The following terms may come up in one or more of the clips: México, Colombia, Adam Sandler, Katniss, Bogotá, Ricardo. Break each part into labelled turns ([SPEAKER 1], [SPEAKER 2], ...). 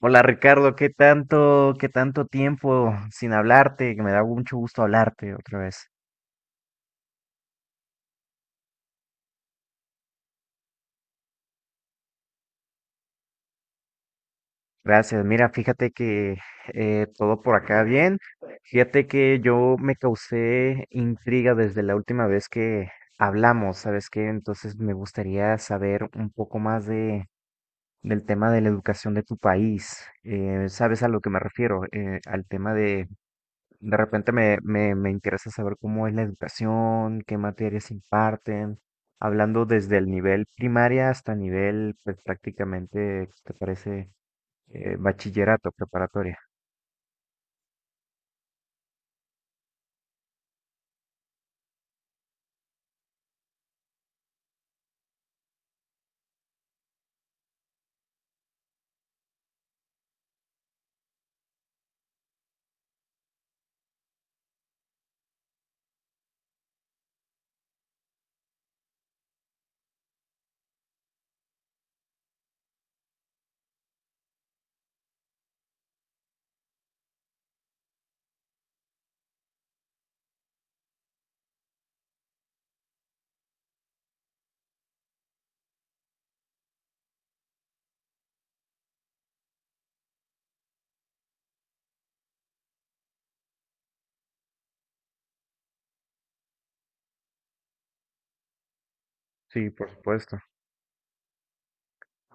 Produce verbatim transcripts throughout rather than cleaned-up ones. [SPEAKER 1] Hola Ricardo, ¿qué tanto, qué tanto tiempo sin hablarte? Que me da mucho gusto hablarte otra vez. Gracias. Mira, fíjate que eh, todo por acá bien. Fíjate que yo me causé intriga desde la última vez que hablamos, ¿sabes qué? Entonces me gustaría saber un poco más de, del tema de la educación de tu país. Eh, ¿sabes a lo que me refiero? Eh, al tema de. De repente me, me, me interesa saber cómo es la educación, qué materias imparten, hablando desde el nivel primaria hasta nivel, pues prácticamente, ¿qué ¿te parece? eh, bachillerato, preparatoria. Sí, por supuesto.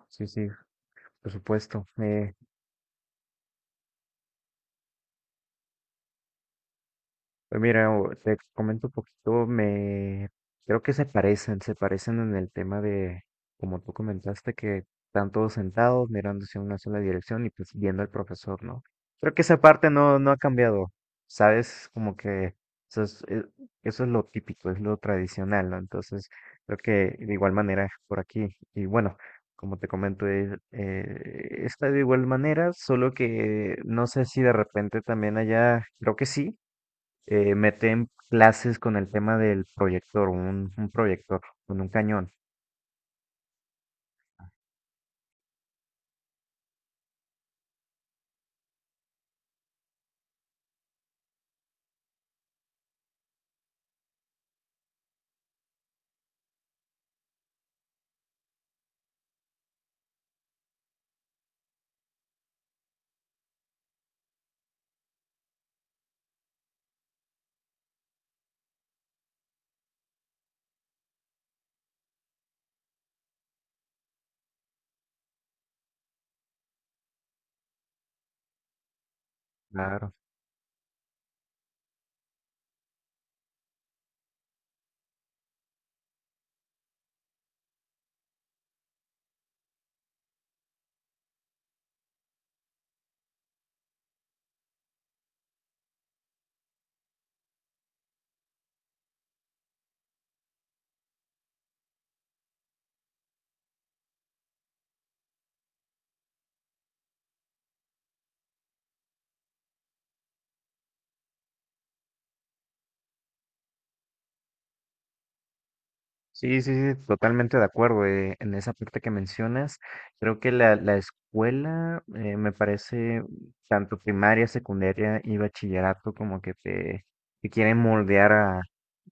[SPEAKER 1] Sí, sí, por supuesto. Eh, Pues mira, o- te comento un poquito, me creo que se parecen, se parecen en el tema de, como tú comentaste, que están todos sentados mirándose en una sola dirección y pues viendo al profesor, ¿no? Creo que esa parte no, no ha cambiado, ¿sabes? Como que eso es, eh, eso es lo típico, es lo tradicional, ¿no? Entonces, creo que de igual manera por aquí, y bueno, como te comento, es, eh, está de igual manera, solo que no sé si de repente también allá, creo que sí eh, meten clases con el tema del proyector, un, un proyector con un cañón. Claro. Sí, sí, sí, totalmente de acuerdo. eh, en esa parte que mencionas, creo que la, la escuela, eh, me parece, tanto primaria, secundaria y bachillerato, como que te, te quieren moldear a,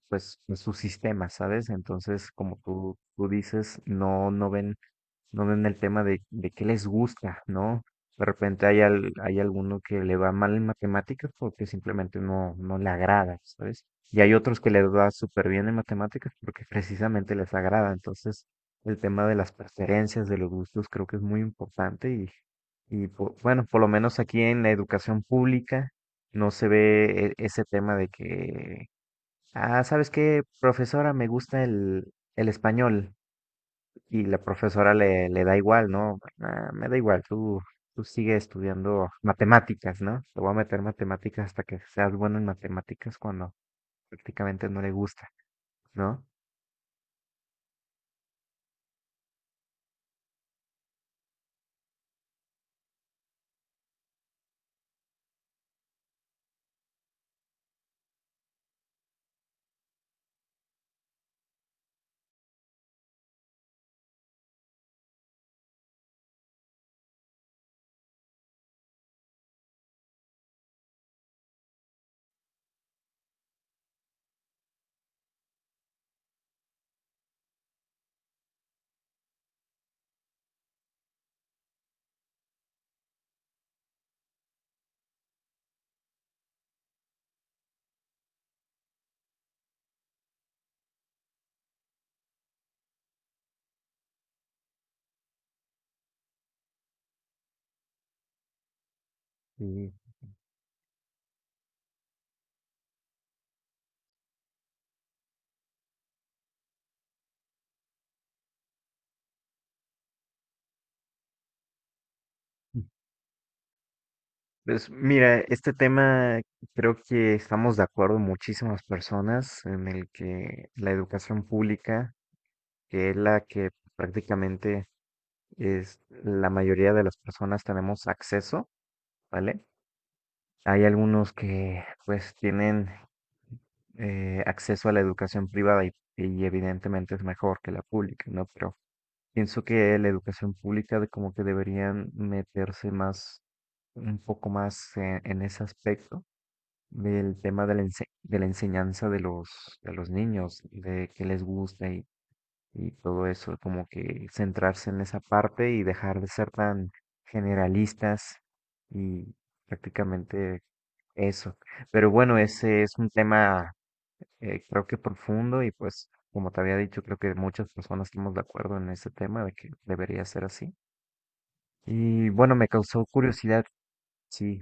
[SPEAKER 1] pues, a su sistema, ¿sabes? Entonces, como tú, tú dices, no, no ven no ven el tema de, de qué les gusta, ¿no? De repente hay, al- hay alguno que le va mal en matemáticas porque simplemente no, no le agrada, ¿sabes? Y hay otros que les va súper bien en matemáticas porque precisamente les agrada. Entonces, el tema de las preferencias, de los gustos, creo que es muy importante y, y po- bueno, por lo menos aquí en la educación pública no se ve e- ese tema de que, ah, ¿sabes qué, profesora? Me gusta el, el español. Y la profesora le, le da igual, ¿no? "Ah, me da igual, tú, tú sigue estudiando matemáticas, ¿no? Te voy a meter matemáticas hasta que seas bueno en matemáticas cuando prácticamente no le gusta, ¿no? Y pues mira, este tema creo que estamos de acuerdo muchísimas personas en el que la educación pública, que es la que prácticamente es la mayoría de las personas tenemos acceso, ¿vale? Hay algunos que pues tienen eh, acceso a la educación privada y, y evidentemente es mejor que la pública, ¿no? Pero pienso que la educación pública de- como que deberían meterse más, un poco más en, en ese aspecto del tema de la, ense- de la enseñanza de los, de los niños, de qué les gusta y, y todo eso, como que centrarse en esa parte y dejar de ser tan generalistas y prácticamente eso. Pero bueno, ese es un tema eh, creo que profundo y pues como te había dicho, creo que muchas personas estamos de acuerdo en ese tema de que debería ser así. Y bueno, me causó curiosidad, sí,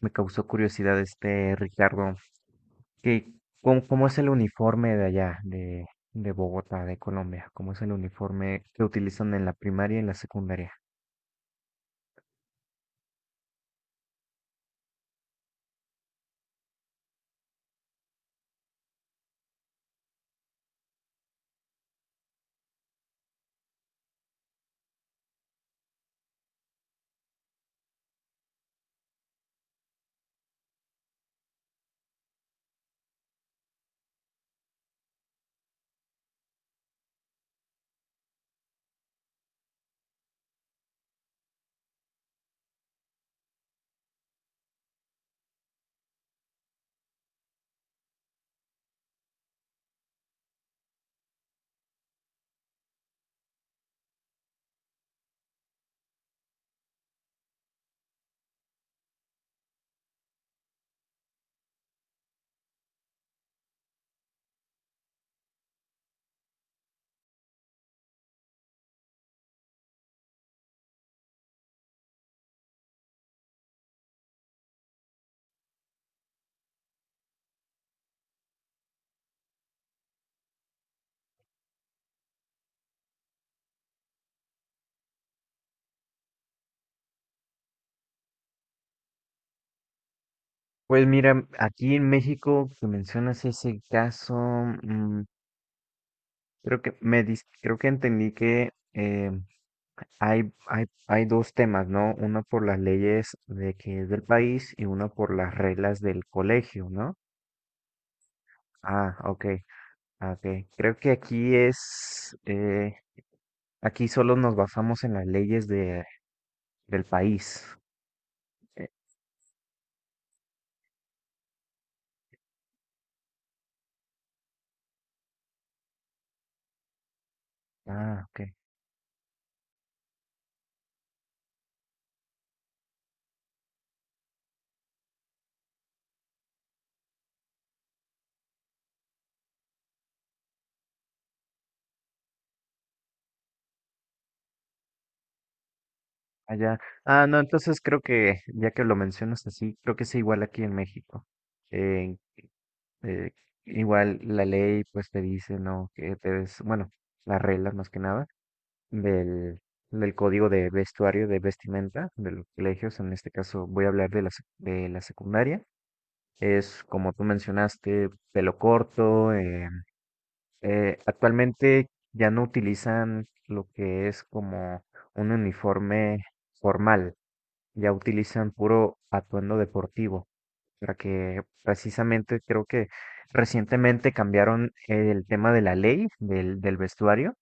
[SPEAKER 1] me causó curiosidad este Ricardo, que cómo, cómo es el uniforme de allá, de, de Bogotá, de Colombia, cómo es el uniforme que utilizan en la primaria y en la secundaria. Pues mira, aquí en México, que mencionas ese caso, mm, creo que me dis- creo que entendí que eh, hay, hay, hay dos temas, ¿no? Uno por las leyes de que es del país y uno por las reglas del colegio, ¿no? Ah, ok, ah, ok. Creo que aquí es, eh, aquí solo nos basamos en las leyes de, del país. Eh, ah, ok. Allá. Ah, no, entonces creo que, ya que lo mencionas así, creo que es igual aquí en México. Eh, eh, igual la ley pues te dice, ¿no? Que te des, bueno, las reglas más que nada del, del código de vestuario, de vestimenta de los colegios. En este caso voy a hablar de la, sec- de la secundaria. Es como tú mencionaste, pelo corto. eh, eh, actualmente ya no utilizan lo que es como un uniforme formal, ya utilizan puro atuendo deportivo, para que precisamente creo que recientemente cambiaron el tema de la ley del, del vestuario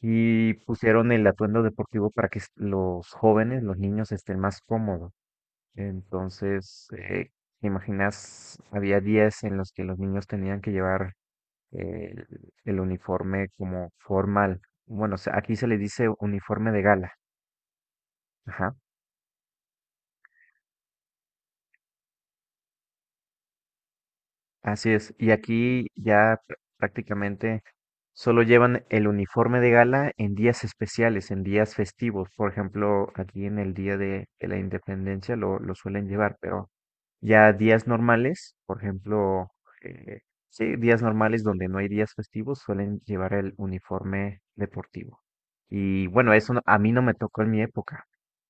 [SPEAKER 1] y pusieron el atuendo deportivo para que est- los jóvenes, los niños estén más cómodos. Entonces, eh, ¿te imaginas, había días en los que los niños tenían que llevar eh, el, el uniforme como formal? Bueno, se- aquí se le dice uniforme de gala. Ajá. Así es. Y aquí ya pr- prácticamente solo llevan el uniforme de gala en días especiales, en días festivos. Por ejemplo, aquí en el Día de, de la Independencia lo, lo suelen llevar, pero ya días normales, por ejemplo, eh, sí, días normales donde no hay días festivos suelen llevar el uniforme deportivo. Y bueno, eso no- a mí no me tocó en mi época.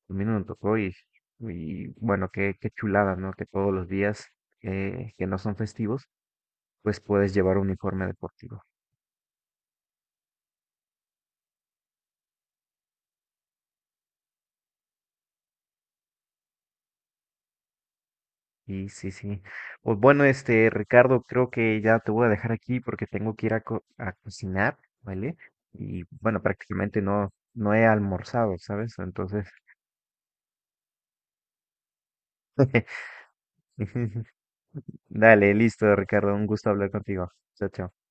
[SPEAKER 1] A mí no me tocó y, y bueno, qué, qué chulada, ¿no? Que todos los días eh, que no son festivos pues puedes llevar un uniforme deportivo. Y sí, sí. Pues bueno, este, Ricardo, creo que ya te voy a dejar aquí porque tengo que ir a, co- a cocinar, ¿vale? Y bueno, prácticamente no, no he almorzado, ¿sabes? Entonces, dale, listo, Ricardo, un gusto hablar contigo. Chao, chao.